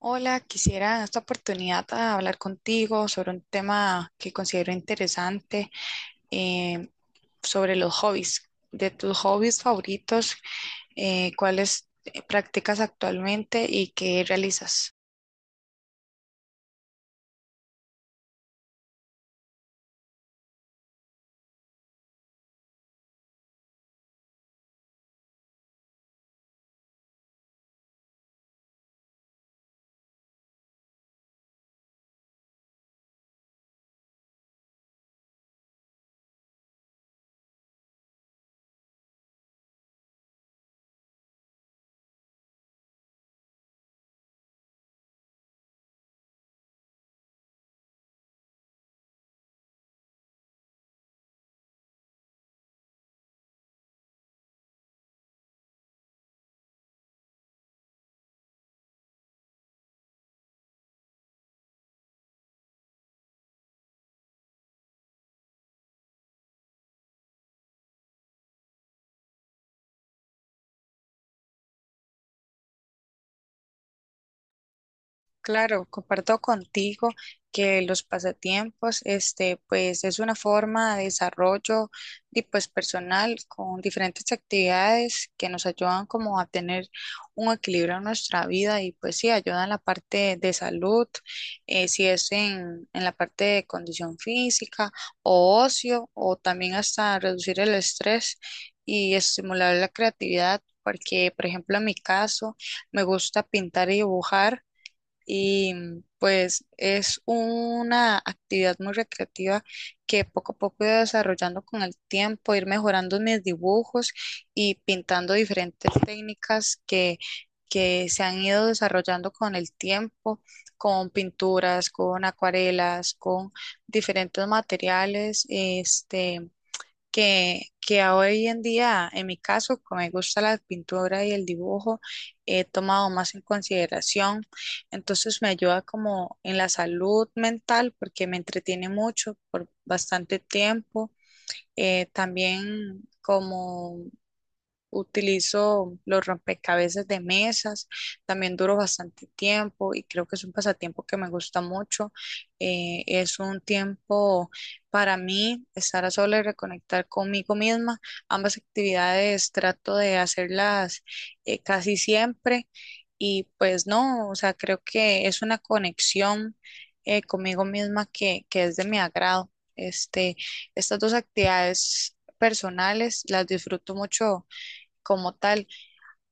Hola, quisiera en esta oportunidad hablar contigo sobre un tema que considero interesante, eh, sobre los hobbies. De tus hobbies favoritos, cuáles practicas actualmente y qué realizas? Claro, comparto contigo que los pasatiempos, este, pues es una forma de desarrollo y pues personal con diferentes actividades que nos ayudan como a tener un equilibrio en nuestra vida y pues sí, ayudan en la parte de salud, si es en la parte de condición física o ocio o también hasta reducir el estrés y estimular la creatividad, porque por ejemplo en mi caso me gusta pintar y dibujar. Y pues es una actividad muy recreativa que poco a poco he ido desarrollando con el tiempo, ir mejorando mis dibujos y pintando diferentes técnicas que se han ido desarrollando con el tiempo, con pinturas, con acuarelas, con diferentes materiales, este, que hoy en día, en mi caso, que me gusta la pintura y el dibujo, he tomado más en consideración. Entonces me ayuda como en la salud mental porque me entretiene mucho por bastante tiempo. También como utilizo los rompecabezas de mesas, también duro bastante tiempo y creo que es un pasatiempo que me gusta mucho. Es un tiempo para mí estar a solas y reconectar conmigo misma. Ambas actividades trato de hacerlas casi siempre y pues no, o sea, creo que es una conexión conmigo misma que es de mi agrado. Este, estas dos actividades personales las disfruto mucho como tal.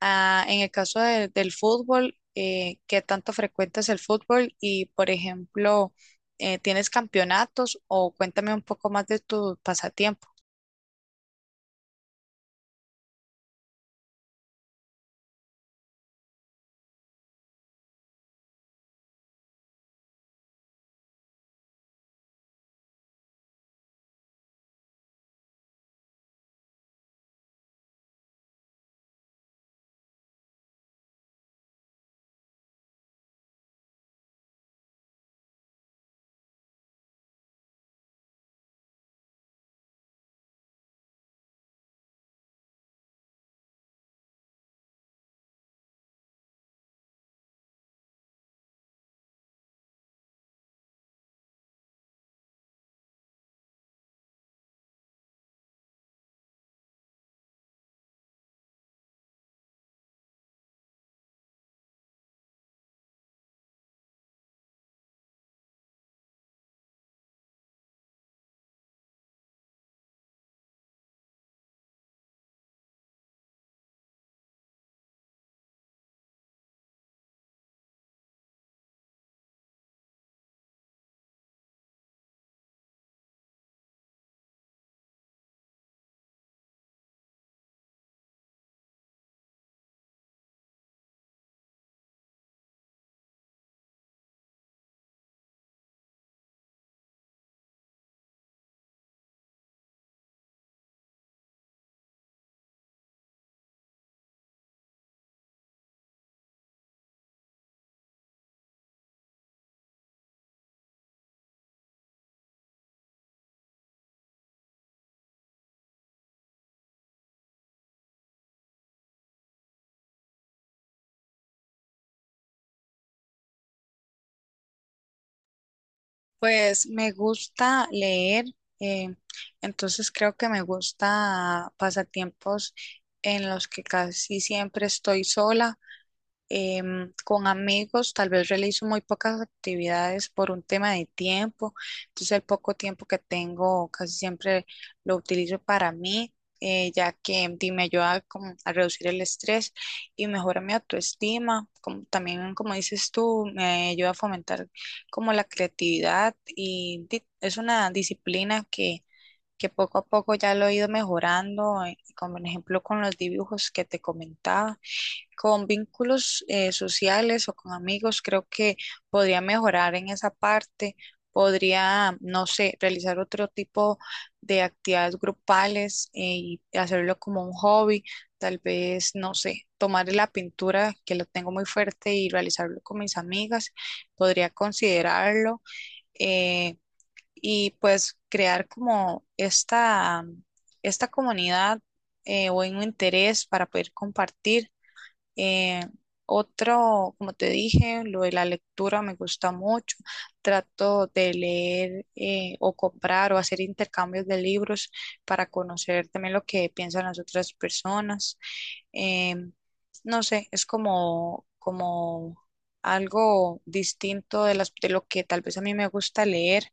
Ah, en el caso del fútbol, ¿qué tanto frecuentas el fútbol? Y, por ejemplo, ¿tienes campeonatos o cuéntame un poco más de tu pasatiempo? Pues me gusta leer, eh, entonces creo que me gusta pasatiempos en los que casi siempre estoy sola, con amigos tal vez realizo muy pocas actividades por un tema de tiempo, entonces el poco tiempo que tengo casi siempre lo utilizo para mí, ya que di, me ayuda como a reducir el estrés y mejora mi autoestima, como, también como dices tú, me ayuda a fomentar como la creatividad y di, es una disciplina que poco a poco ya lo he ido mejorando, como por ejemplo con los dibujos que te comentaba con vínculos sociales o con amigos, creo que podría mejorar en esa parte, podría, no sé, realizar otro tipo de actividades grupales y hacerlo como un hobby, tal vez, no sé, tomar la pintura que lo tengo muy fuerte y realizarlo con mis amigas, podría considerarlo eh, y pues crear como esta comunidad o un interés para poder compartir, eh, otro, como te dije, lo de la lectura me gusta mucho. Trato de leer o comprar o hacer intercambios de libros para conocer también lo que piensan las otras personas. Em, no sé, es como, como algo distinto de de lo que tal vez a mí me gusta leer.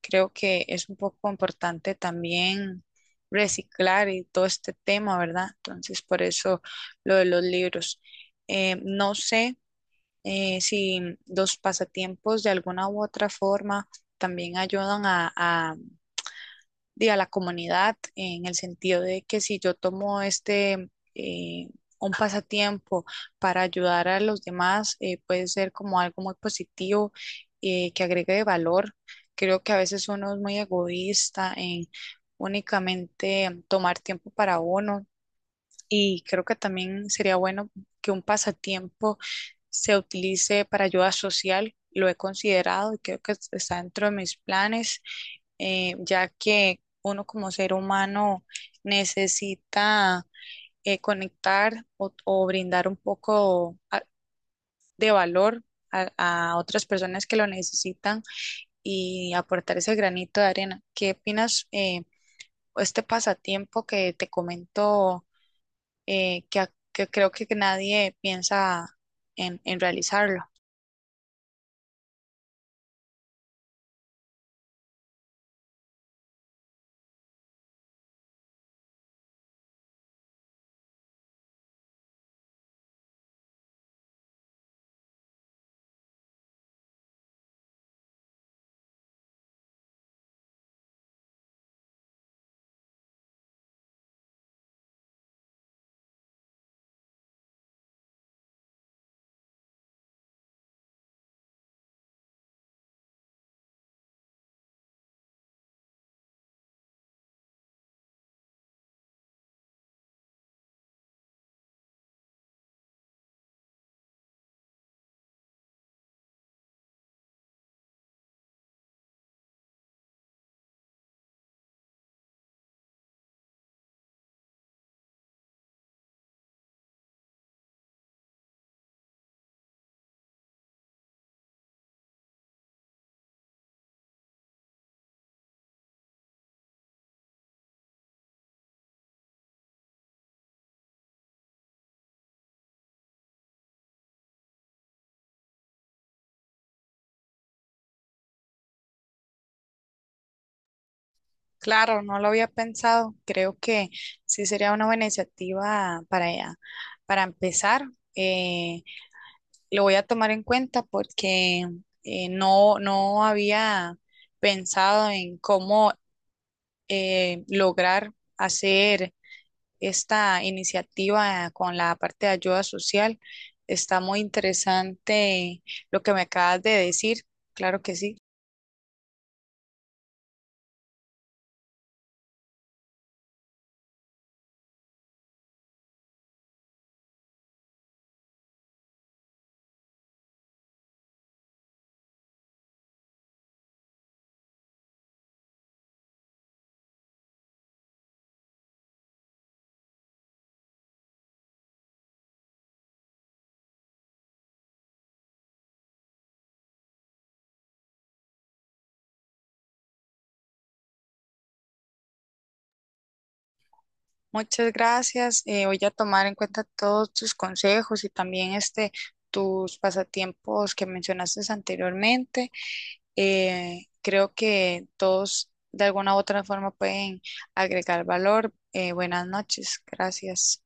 Creo que es un poco importante también reciclar y todo este tema, ¿verdad? Entonces, por eso lo de los libros. No sé si los pasatiempos de alguna u otra forma también ayudan di, a la comunidad en el sentido de que si yo tomo este, un pasatiempo para ayudar a los demás, puede ser como algo muy positivo que agregue de valor. Creo que a veces uno es muy egoísta en únicamente tomar tiempo para uno y creo que también sería bueno que un pasatiempo se utilice para ayuda social. Lo he considerado y creo que está dentro de mis planes, ya que uno como ser humano necesita conectar o brindar un poco de valor a, a otras personas que lo necesitan y aportar ese granito de arena. ¿Qué opinas, este pasatiempo que te comento? Que creo que nadie piensa en realizarlo. Claro, no lo había pensado. Creo que sí sería una buena iniciativa para empezar. Eh, lo voy a tomar en cuenta porque no, no había pensado en cómo lograr hacer esta iniciativa con la parte de ayuda social. Está muy interesante lo que me acabas de decir. Claro que sí. Muchas gracias. Voy a tomar en cuenta todos tus consejos y también este, tus pasatiempos que mencionaste anteriormente. Creo que todos de alguna u otra forma pueden agregar valor. Buenas noches. Gracias.